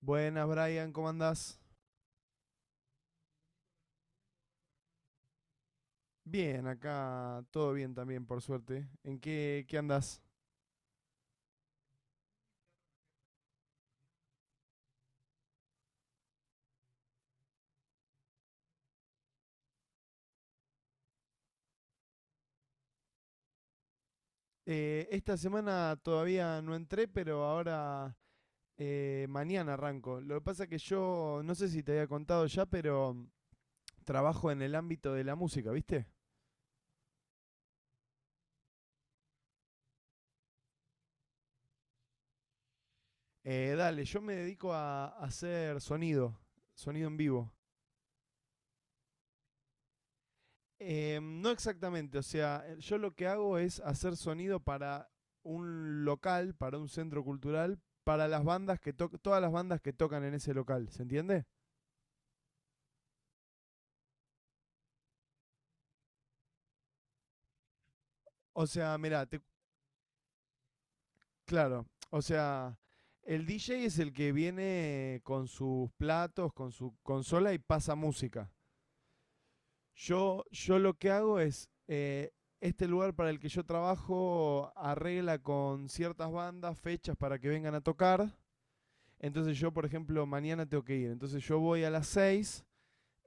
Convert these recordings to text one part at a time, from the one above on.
Buenas, Brian, ¿cómo andás? Bien, acá todo bien también, por suerte. ¿Qué andás? Esta semana todavía no entré, pero ahora mañana arranco. Lo que pasa es que yo, no sé si te había contado ya, pero trabajo en el ámbito de la música, ¿viste? Dale, yo me dedico a hacer sonido, sonido en vivo. No exactamente, o sea, yo lo que hago es hacer sonido para un local, para un centro cultural, para las bandas que tocan, todas las bandas que tocan en ese local, ¿se entiende? O sea, mirá, claro, o sea, el DJ es el que viene con sus platos, con su consola y pasa música. Yo lo que hago es, este lugar para el que yo trabajo arregla con ciertas bandas fechas para que vengan a tocar. Entonces yo, por ejemplo, mañana tengo que ir. Entonces yo voy a las seis,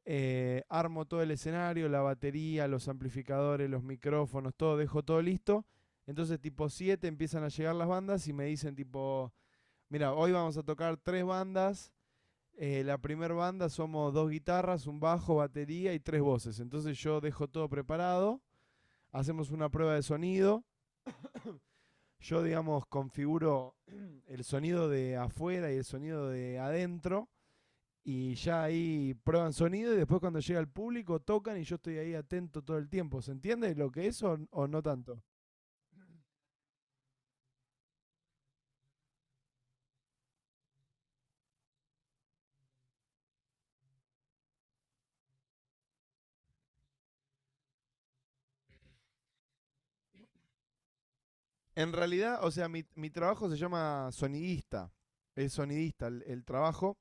armo todo el escenario, la batería, los amplificadores, los micrófonos, todo, dejo todo listo. Entonces tipo 7 empiezan a llegar las bandas y me dicen tipo, mira, hoy vamos a tocar tres bandas. La primera banda somos dos guitarras, un bajo, batería y tres voces. Entonces yo dejo todo preparado, hacemos una prueba de sonido. Yo, digamos, configuro el sonido de afuera y el sonido de adentro y ya ahí prueban sonido y después cuando llega el público tocan y yo estoy ahí atento todo el tiempo. ¿Se entiende lo que es o no tanto? En realidad, o sea, mi trabajo se llama sonidista. Es sonidista el trabajo.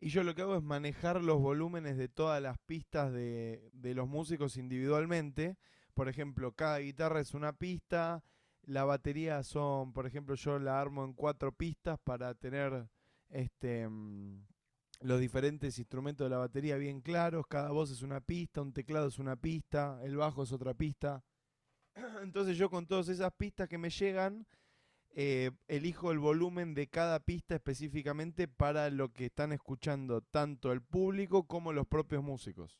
Y yo lo que hago es manejar los volúmenes de todas las pistas de los músicos individualmente. Por ejemplo, cada guitarra es una pista. La batería son, por ejemplo, yo la armo en cuatro pistas para tener este los diferentes instrumentos de la batería bien claros, cada voz es una pista, un teclado es una pista, el bajo es otra pista. Entonces yo con todas esas pistas que me llegan, elijo el volumen de cada pista específicamente para lo que están escuchando tanto el público como los propios músicos.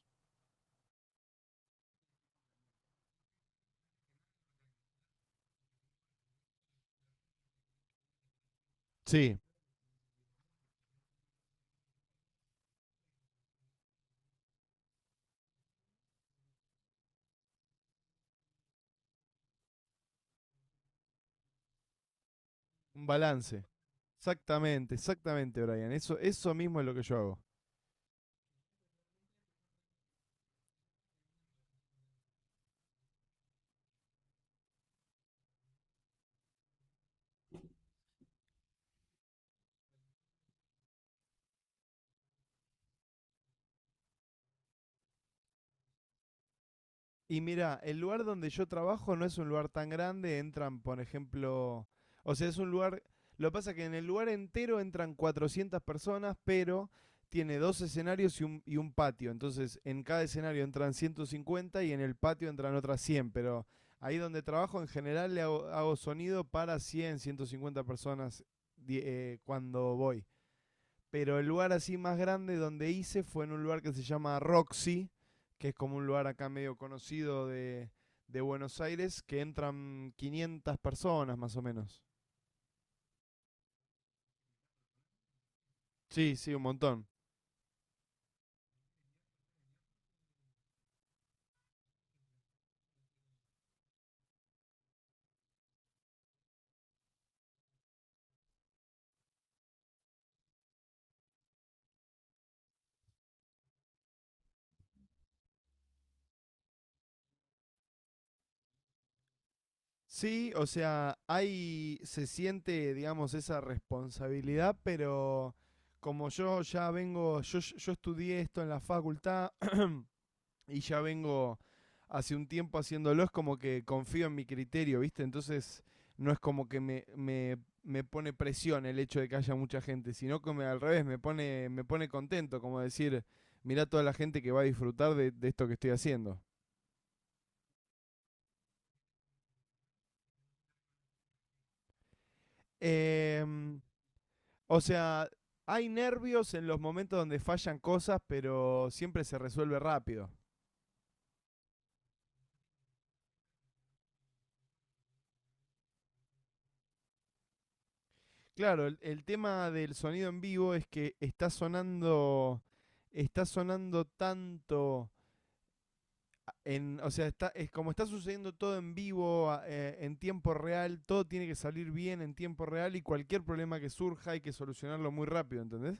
Sí. Un balance. Exactamente, exactamente, Brian. Eso mismo es lo que yo hago. Y mira, el lugar donde yo trabajo no es un lugar tan grande, entran, por ejemplo, o sea, es un lugar, lo que pasa es que en el lugar entero entran 400 personas, pero tiene dos escenarios y un patio, entonces en cada escenario entran 150 y en el patio entran otras 100, pero ahí donde trabajo en general le hago, hago sonido para 100, 150 personas cuando voy. Pero el lugar así más grande donde hice fue en un lugar que se llama Roxy, que es como un lugar acá medio conocido de Buenos Aires, que entran 500 personas más o menos. Sí, sí, un montón. Sí, o sea, hay, se siente, digamos, esa responsabilidad, pero como yo ya vengo, yo estudié esto en la facultad, y ya vengo hace un tiempo haciéndolo, es como que confío en mi criterio, ¿viste? Entonces no es como que me pone presión el hecho de que haya mucha gente, sino que al revés, me pone contento, como decir, mirá toda la gente que va a disfrutar de esto que estoy haciendo. Em, o sea, hay nervios en los momentos donde fallan cosas, pero siempre se resuelve rápido. Claro, el tema del sonido en vivo es que está sonando tanto. En, o sea, está, es como está sucediendo todo en vivo, en tiempo real, todo tiene que salir bien en tiempo real y cualquier problema que surja hay que solucionarlo muy rápido, ¿entendés?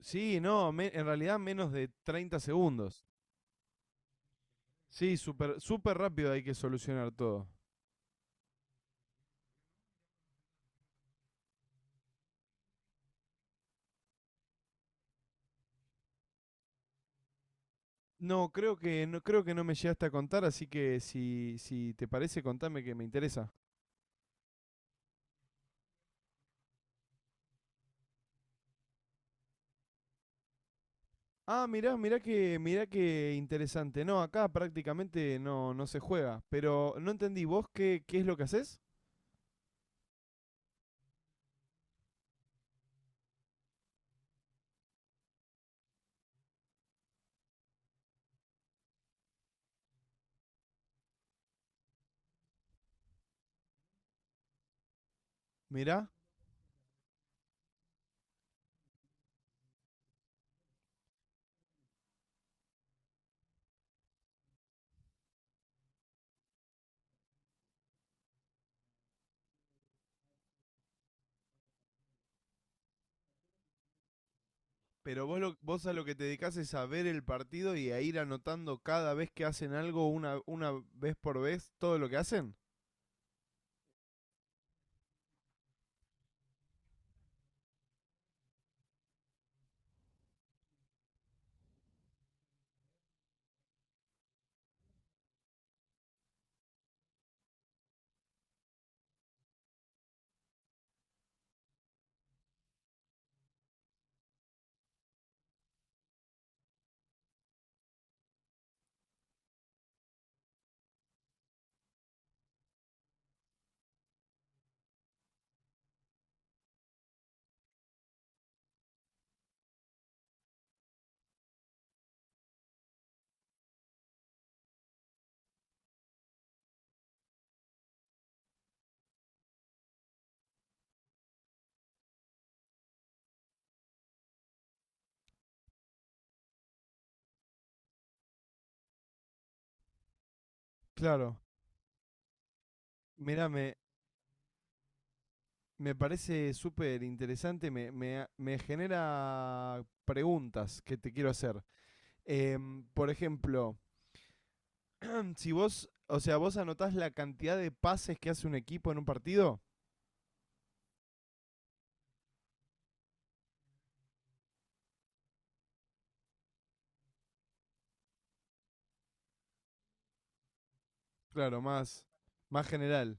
Sí, no, en realidad menos de 30 segundos. Sí, súper rápido hay que solucionar todo. No, creo que no, creo que no me llegaste a contar, así que si, si te parece, contame que me interesa. Ah, mirá, mirá que interesante. No, acá prácticamente no, no se juega. Pero no entendí, ¿vos qué, qué es lo que haces? Mirá. Pero vos, vos a lo que te dedicás es a ver el partido y a ir anotando cada vez que hacen algo, una vez por vez, todo lo que hacen. Claro. Mirá, me parece súper interesante, me genera preguntas que te quiero hacer. Em, por ejemplo, si vos, o sea, vos anotás la cantidad de pases que hace un equipo en un partido, claro, más general.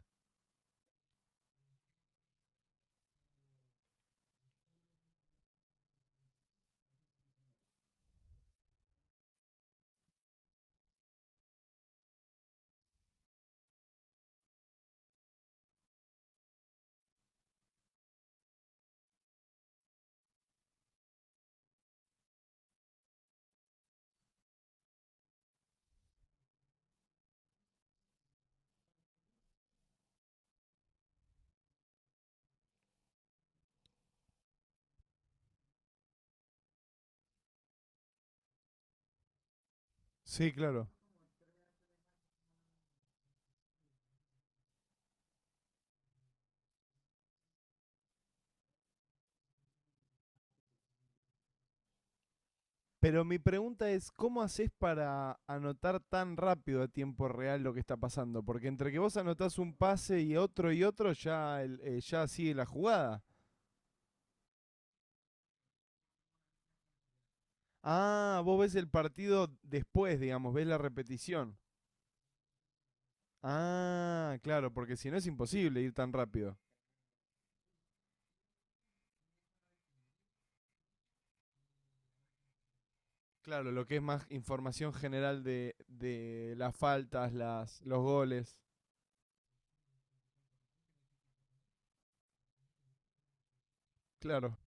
Sí, claro. Pero mi pregunta es, ¿cómo haces para anotar tan rápido a tiempo real lo que está pasando? Porque entre que vos anotás un pase y otro, ya, ya sigue la jugada. Ah, vos ves el partido después, digamos, ves la repetición. Ah, claro, porque si no es imposible ir tan rápido. Claro, lo que es más información general de las faltas, los goles. Claro,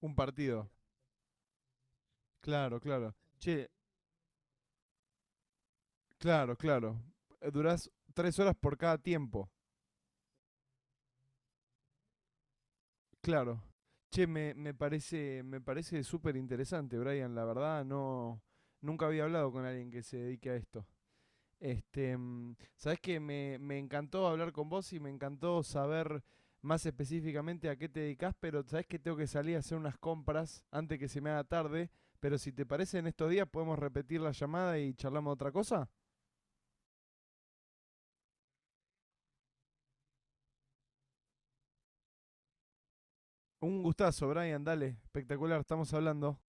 un partido. Claro, claro. Che, claro, claro. Durás 3 horas por cada tiempo. Claro. Che, me parece, me parece súper interesante, Brian. La verdad, no, nunca había hablado con alguien que se dedique a esto. Este, mm, sabés que me encantó hablar con vos y me encantó saber más específicamente a qué te dedicas, pero sabés que tengo que salir a hacer unas compras antes que se me haga tarde. Pero si te parece, en estos días podemos repetir la llamada y charlamos de otra cosa. Un gustazo, Brian, dale, espectacular, estamos hablando.